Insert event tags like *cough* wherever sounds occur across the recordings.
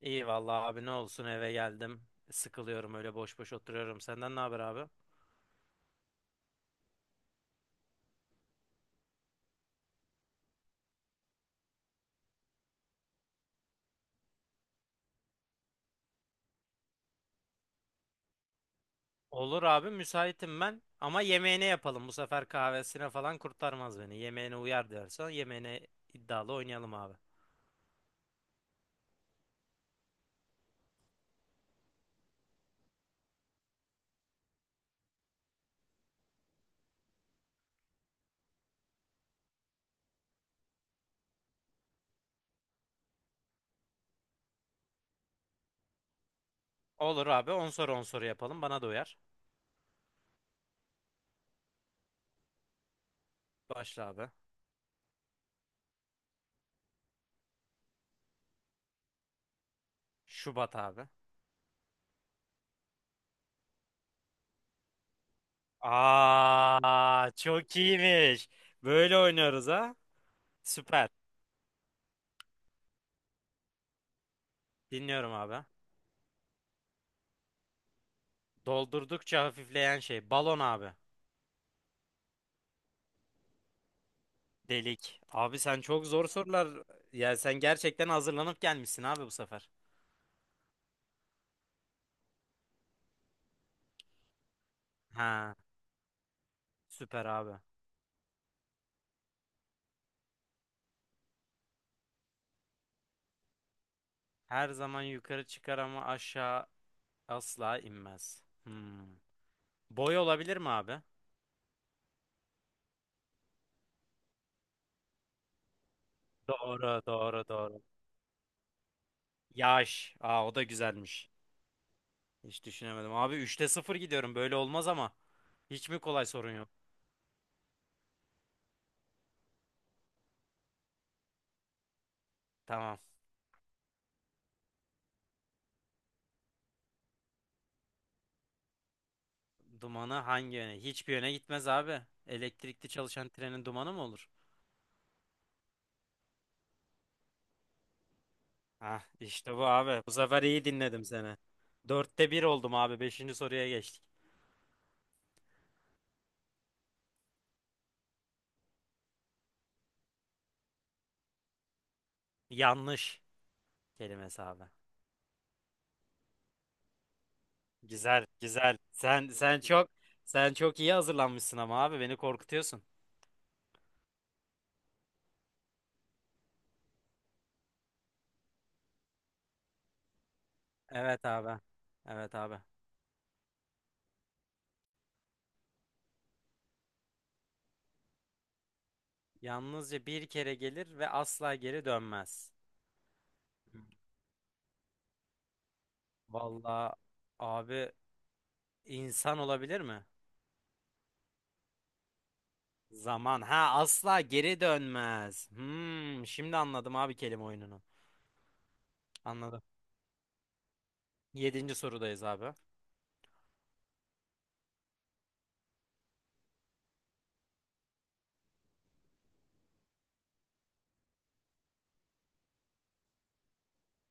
İyi vallahi abi ne olsun eve geldim. Sıkılıyorum öyle boş boş oturuyorum. Senden ne haber abi? Olur abi müsaitim ben. Ama yemeğine yapalım. Bu sefer kahvesine falan kurtarmaz beni. Yemeğine uyar diyorsan yemeğine iddialı oynayalım abi. Olur abi on soru on soru yapalım. Bana da uyar. Başla abi. Şubat abi. Aa, çok iyiymiş. Böyle oynuyoruz ha. Süper. Dinliyorum abi. Doldurdukça hafifleyen şey. Balon abi. Delik. Abi sen çok zor sorular. Ya sen gerçekten hazırlanıp gelmişsin abi bu sefer. Ha, süper abi. Her zaman yukarı çıkar ama aşağı asla inmez. Hmm. Boy olabilir mi abi? Doğru, doğru, doğru. Yaş. Aa, o da güzelmiş. Hiç düşünemedim. Abi üçte sıfır gidiyorum. Böyle olmaz ama. Hiç mi kolay sorun yok? Tamam. Dumanı hangi yöne? Hiçbir yöne gitmez abi. Elektrikli çalışan trenin dumanı mı olur? Ah işte bu abi. Bu sefer iyi dinledim seni. Dörtte bir oldum abi. Beşinci soruya geçtik. Yanlış kelimesi abi. Güzel güzel. Sen çok sen çok iyi hazırlanmışsın ama abi beni korkutuyorsun. Evet abi. Evet abi. Yalnızca bir kere gelir ve asla geri dönmez. Vallahi abi insan olabilir mi? Zaman. Ha, asla geri dönmez. Şimdi anladım abi kelime oyununu. Anladım. Yedinci sorudayız abi.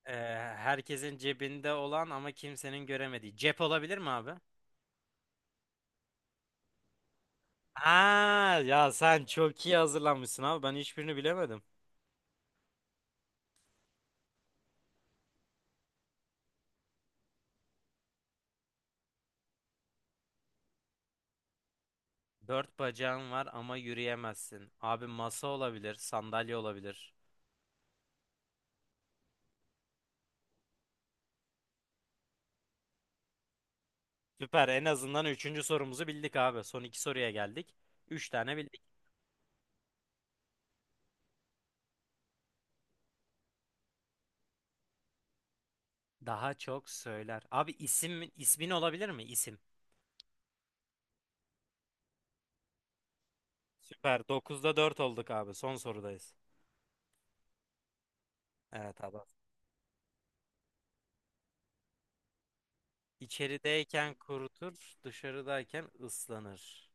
Ee, herkesin cebinde olan ama kimsenin göremediği. Cep olabilir mi abi? Ha, ya sen çok iyi hazırlanmışsın abi. Ben hiçbirini bilemedim. Dört bacağın var ama yürüyemezsin. Abi masa olabilir, sandalye olabilir. Süper. En azından üçüncü sorumuzu bildik abi. Son iki soruya geldik. Üç tane bildik. Daha çok söyler. Abi isim ismin olabilir mi? İsim. Süper. Dokuzda dört olduk abi. Son sorudayız. Evet abi. İçerideyken kurutur, dışarıdayken ıslanır.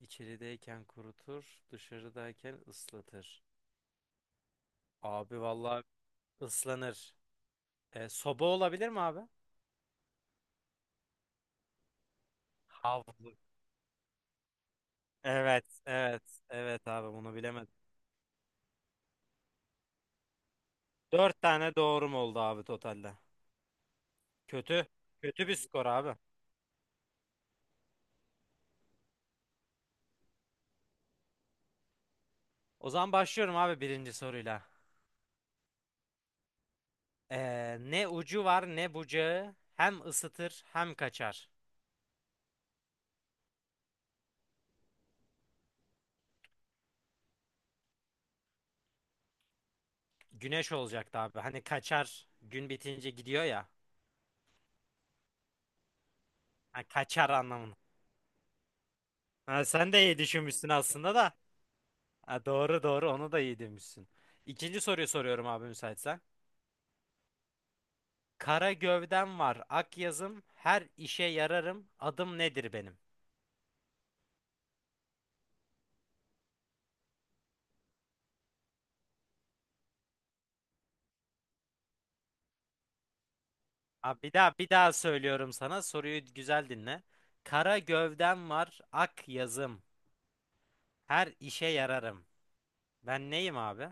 İçerideyken kurutur, dışarıdayken ıslatır. Abi vallahi ıslanır. Soba olabilir mi abi? Havlu. Evet, evet, evet abi bunu bilemedim. Dört tane doğrum oldu abi totalde. Kötü, kötü bir skor abi. O zaman başlıyorum abi birinci soruyla. E, ne ucu var ne bucağı hem ısıtır hem kaçar. Güneş olacaktı abi. Hani kaçar gün bitince gidiyor ya. Ha, kaçar anlamında. Ha, sen de iyi düşünmüşsün aslında da. Ha, doğru doğru onu da iyi demişsin. İkinci soruyu soruyorum abi müsaitsen. Kara gövdem var, ak yazım, her işe yararım, adım nedir benim? Abi bir daha söylüyorum sana soruyu güzel dinle. Kara gövdem var, ak yazım, her işe yararım. Ben neyim abi?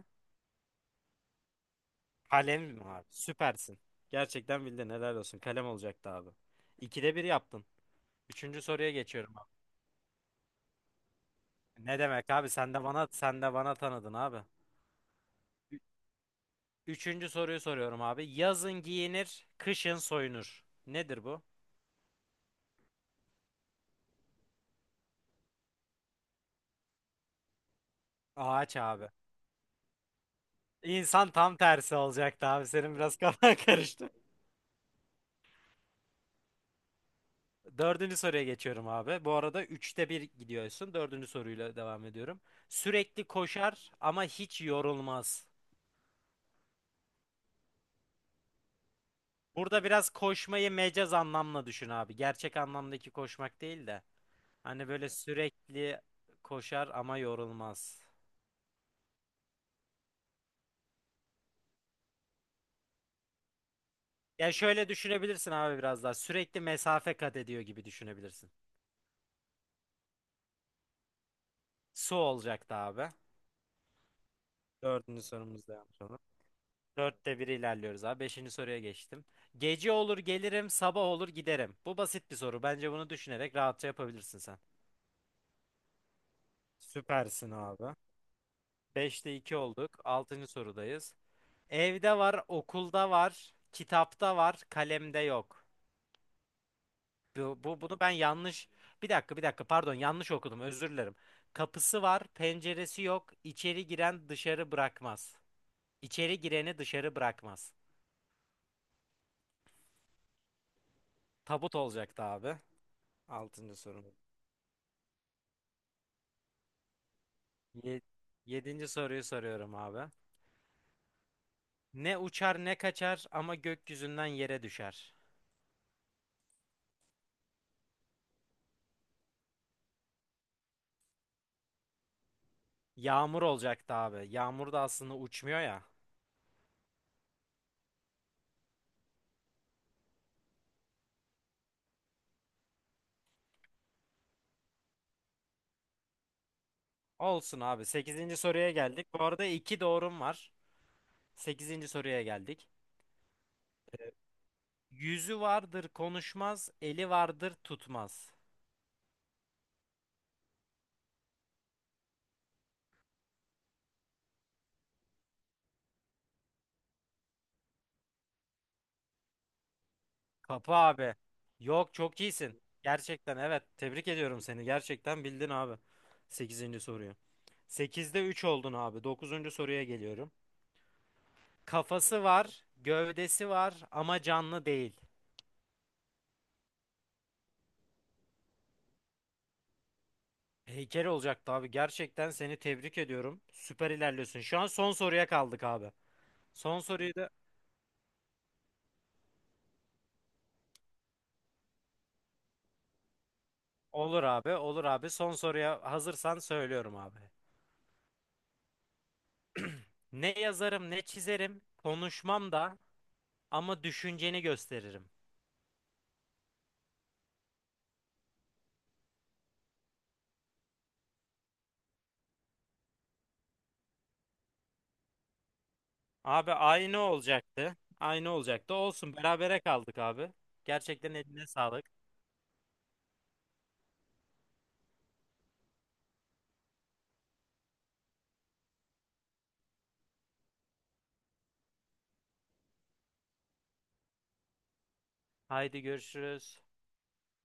Kalemim abi. Süpersin. Gerçekten bildin helal olsun. Kalem olacaktı abi. İkide bir yaptın. Üçüncü soruya geçiyorum abi. Ne demek abi? Sen de bana tanıdın abi. Üçüncü soruyu soruyorum abi. Yazın giyinir, kışın soyunur. Nedir bu? Ağaç abi. İnsan tam tersi olacaktı abi. Senin biraz kafan *laughs* karıştı. Dördüncü soruya geçiyorum abi. Bu arada üçte bir gidiyorsun. Dördüncü soruyla devam ediyorum. Sürekli koşar ama hiç yorulmaz. Burada biraz koşmayı mecaz anlamla düşün abi. Gerçek anlamdaki koşmak değil de. Hani böyle sürekli koşar ama yorulmaz. Ya şöyle düşünebilirsin abi biraz daha. Sürekli mesafe kat ediyor gibi düşünebilirsin. Su olacaktı abi. Dördüncü sorumuzda yapmış onu. Dörtte bir ilerliyoruz abi. Beşinci soruya geçtim. Gece olur gelirim, sabah olur giderim. Bu basit bir soru. Bence bunu düşünerek rahatça yapabilirsin sen. Süpersin abi. Beşte iki olduk. Altıncı sorudayız. Evde var, okulda var, kitapta var, kalemde yok. Bunu ben yanlış bir dakika pardon yanlış okudum özür dilerim. Kapısı var, penceresi yok. İçeri giren dışarı bırakmaz. İçeri gireni dışarı bırakmaz. Tabut olacaktı abi. Altıncı soru. Ye- yedinci soruyu soruyorum abi. Ne uçar ne kaçar ama gökyüzünden yere düşer. Yağmur olacaktı abi. Yağmur da aslında uçmuyor ya. Olsun abi. Sekizinci soruya geldik. Bu arada iki doğrum var. Sekizinci soruya geldik. Yüzü vardır konuşmaz, eli vardır tutmaz. Kapı abi. Yok çok iyisin. Gerçekten evet. Tebrik ediyorum seni. Gerçekten bildin abi. Sekizinci soruyu. Sekizde 3 oldun abi. Dokuzuncu soruya geliyorum. Kafası var, gövdesi var ama canlı değil. Heykel olacaktı abi. Gerçekten seni tebrik ediyorum. Süper ilerliyorsun. Şu an son soruya kaldık abi. Son soruyu da olur abi, olur abi. Son soruya hazırsan söylüyorum abi. Ne yazarım ne çizerim, konuşmam da ama düşünceni gösteririm. Abi aynı olacaktı. Aynı olacaktı. Olsun berabere kaldık abi. Gerçekten eline sağlık. Haydi görüşürüz.